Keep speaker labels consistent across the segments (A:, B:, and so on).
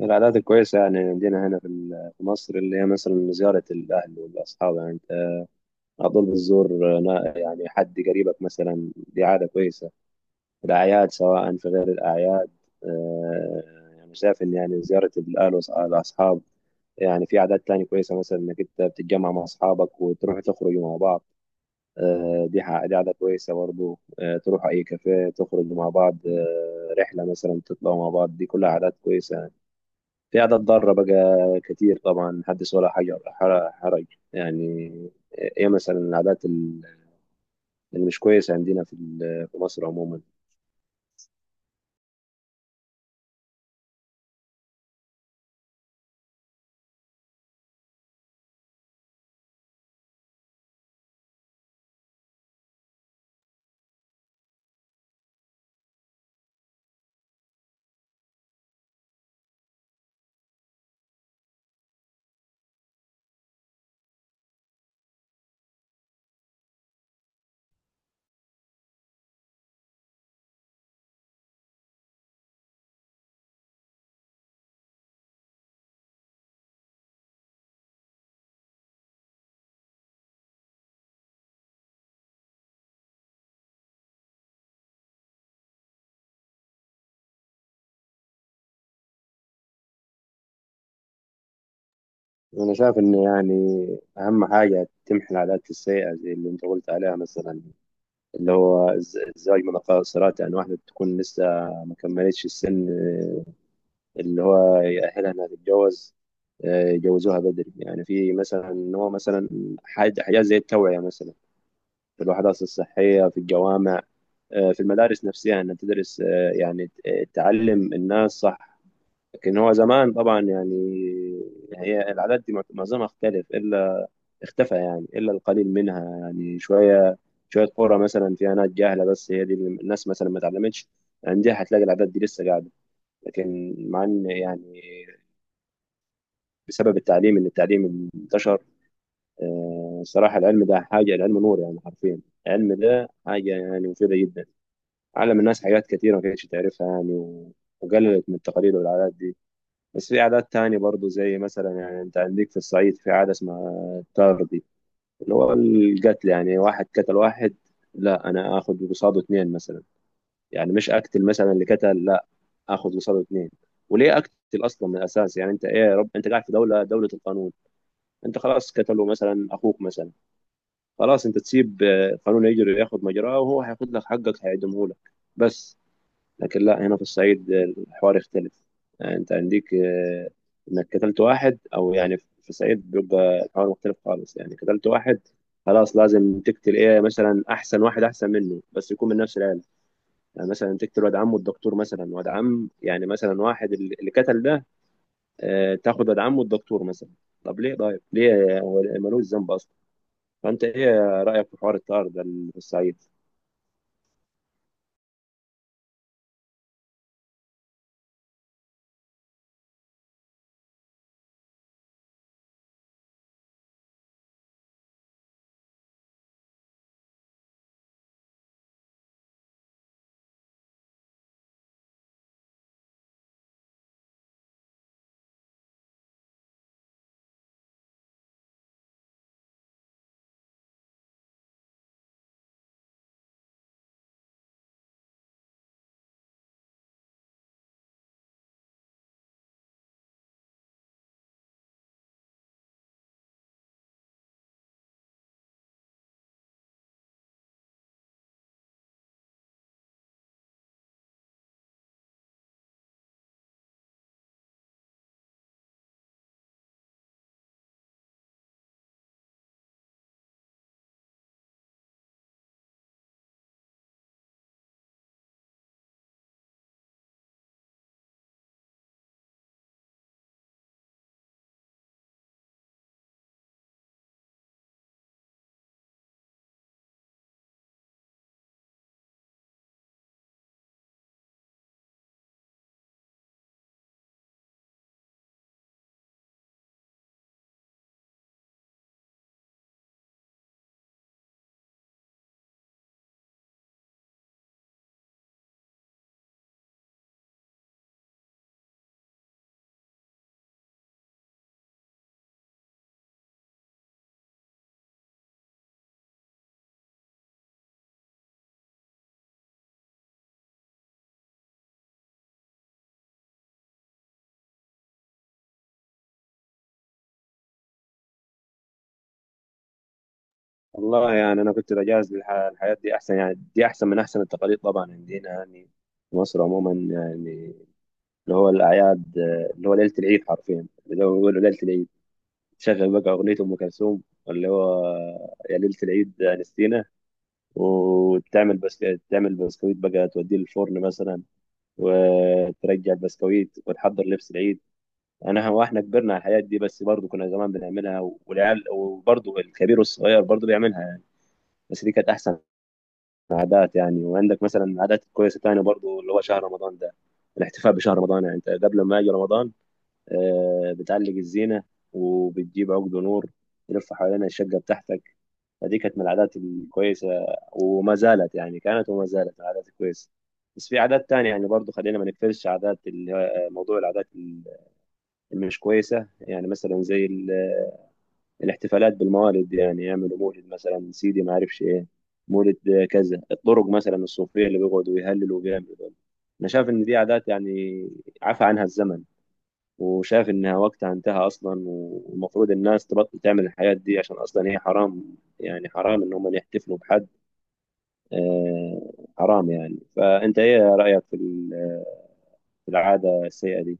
A: من العادات الكويسة، يعني عندنا هنا في مصر، اللي هي مثلا زيارة الأهل والأصحاب. يعني أنت على طول بتزور يعني حد قريبك مثلا، دي عادة كويسة. الأعياد سواء في غير الأعياد. آه، يعني شايف إن، يعني زيارة الأهل والأصحاب، يعني في عادات تانية كويسة، مثلا إنك أنت بتتجمع مع أصحابك وتروح تخرجوا مع بعض. دي عادة كويسة برضه. تروحوا أي كافيه تخرجوا مع بعض، رحلة مثلا تطلعوا مع بعض، دي كلها عادات كويسة. في قاعد اتدرب بقى كتير طبعا، محدش ولا حاجة حرج يعني. ايه مثلا العادات اللي مش كويسة عندنا في مصر عموما؟ انا شايف ان، يعني، اهم حاجة تمحي العادات السيئة زي اللي انت قلت عليها مثلا، اللي هو الزواج من قاصرات. يعني واحدة تكون لسه ما كملتش السن اللي هو يأهلها انها تتجوز، يجوزوها بدري. يعني في مثلا ان هو مثلا حاجة حاجات زي التوعية، مثلا في الوحدات الصحية، في الجوامع، في المدارس نفسها انها تدرس، تعلم الناس صح. لكن هو زمان طبعا، يعني هي العادات دي معظمها اختلف الا اختفى، يعني الا القليل منها، يعني شويه شويه قرى مثلا فيها ناس جاهله، بس هي دي اللي الناس مثلا ما اتعلمتش عندها هتلاقي العادات دي لسه قاعده. لكن مع ان، يعني بسبب التعليم، ان التعليم انتشر. صراحه العلم ده حاجه، العلم نور يعني حرفيا. العلم ده حاجه يعني مفيده جدا، علم الناس حاجات كتيرة ما كانتش تعرفها يعني، وقللت من التقاليد والعادات دي. بس في عادات تانية برضو، زي مثلا، يعني انت عندك في الصعيد في عادة اسمها التارضي، اللي هو القتل. يعني واحد قتل واحد، لا، انا اخد قصاده اتنين مثلا. يعني مش اقتل مثلا اللي قتل، لا، اخد قصاده اتنين. وليه اقتل اصلا من الاساس؟ يعني انت ايه يا رب، انت قاعد في دوله القانون. انت خلاص قتلوا مثلا اخوك مثلا، خلاص انت تسيب القانون يجري ياخد مجراه، وهو هياخد لك حقك، هيعدمه لك بس. لكن لا، هنا في الصعيد الحوار يختلف. يعني انت عندك انك قتلت واحد، او يعني في الصعيد بيبقى الحوار مختلف خالص. يعني قتلت واحد، خلاص لازم تقتل، ايه مثلا، احسن واحد احسن منه بس يكون من نفس العيله. يعني مثلا تقتل واد عمه الدكتور مثلا، واد عم يعني مثلا واحد اللي قتل ده، تاخد واد عمه الدكتور مثلا. طب ليه، طيب ليه، هو ملوش ذنب اصلا. فانت ايه رايك في حوار الطار ده اللي في الصعيد؟ والله، يعني انا كنت بجهز الحياة دي احسن، يعني دي احسن من احسن التقاليد طبعا عندنا، يعني في مصر عموما، يعني اللي هو الاعياد. اللي هو ليلة العيد حرفيا، اللي هو بيقولوا ليلة العيد، شغل بقى اغنية ام كلثوم، اللي هو "يا ليلة العيد يا نستينا". وتعمل، بس تعمل بسكويت بقى، توديه للفرن مثلا، وترجع البسكويت وتحضر لبس العيد. انا واحنا كبرنا على الحياة دي، بس برضه كنا زمان بنعملها، والعيال وبرضه الكبير والصغير برضه بيعملها يعني. بس دي كانت احسن عادات يعني. وعندك مثلا عادات كويسه تانية برضو، اللي هو شهر رمضان ده، الاحتفاء بشهر رمضان. يعني انت قبل ما يجي رمضان بتعلق الزينه، وبتجيب عقد نور تلف حوالين الشقه بتاعتك. فدي كانت من العادات الكويسه وما زالت، يعني كانت وما زالت العادات الكويسه. بس في عادات تانية يعني، برضو خلينا ما نقفلش عادات موضوع العادات اللي مش كويسه. يعني مثلا زي الاحتفالات بالموالد، يعني يعملوا مولد مثلا سيدي ما اعرفش ايه، مولد كذا. الطرق مثلا الصوفيه اللي بيقعدوا يهللوا وبيعملوا دول، انا شايف ان دي عادات يعني عفى عنها الزمن. وشايف انها وقتها انتهى اصلا، والمفروض الناس تبطل تعمل الحاجات دي عشان اصلا هي حرام. يعني حرام ان هم يحتفلوا بحد، آه حرام يعني. فانت ايه رايك في العاده السيئه دي؟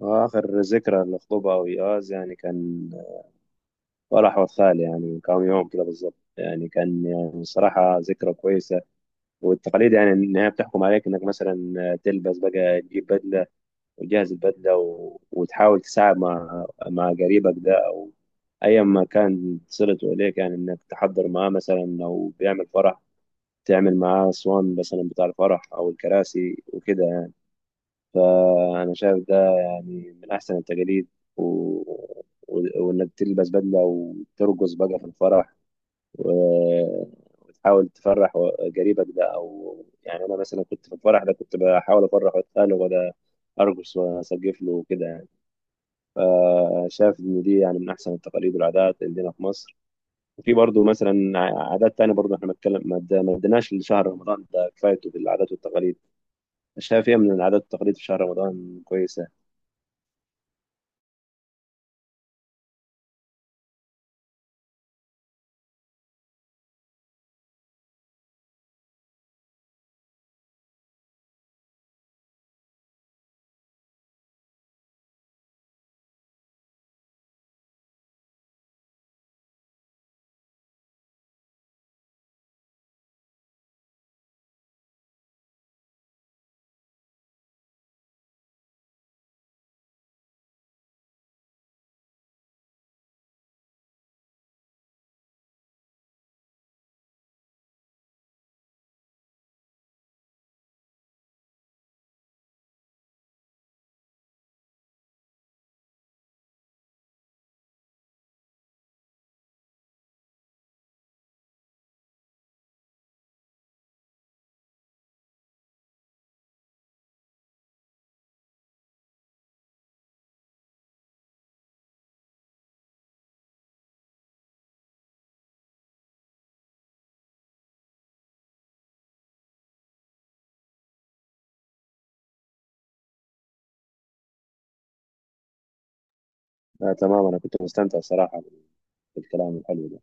A: واخر ذكرى للخطوبه او ايقاظ، يعني كان فرح واد خالي، يعني من كام يوم كده بالظبط. يعني كان، يعني الصراحة ذكرى كويسة. والتقاليد يعني إن هي بتحكم عليك إنك مثلا تلبس بقى، تجيب بدلة وتجهز البدلة، وتحاول تساعد مع قريبك ده أو أيا ما كان صلته إليك. يعني إنك تحضر معاه، مثلا لو بيعمل فرح تعمل معاه أسوان مثلا بتاع الفرح أو الكراسي وكده يعني. فأنا شايف ده يعني من أحسن التقاليد. و... وإنك تلبس بدلة وترقص بقى في الفرح، و- وتحاول تفرح، قريبك ده، او يعني انا مثلا كنت في الفرح ده، كنت بحاول افرح واتقاله، وده ارقص واسقف له وكده يعني. فشايف ان دي يعني من احسن التقاليد والعادات اللي عندنا في مصر. وفي برضه مثلا عادات تانية، برضه احنا بنتكلم، ما اديناش لشهر رمضان ده كفايته في العادات والتقاليد. شايف ايه من العادات والتقاليد في شهر رمضان كويسة؟ آه، تمام. انا كنت مستمتع صراحة بالكلام الحلو ده.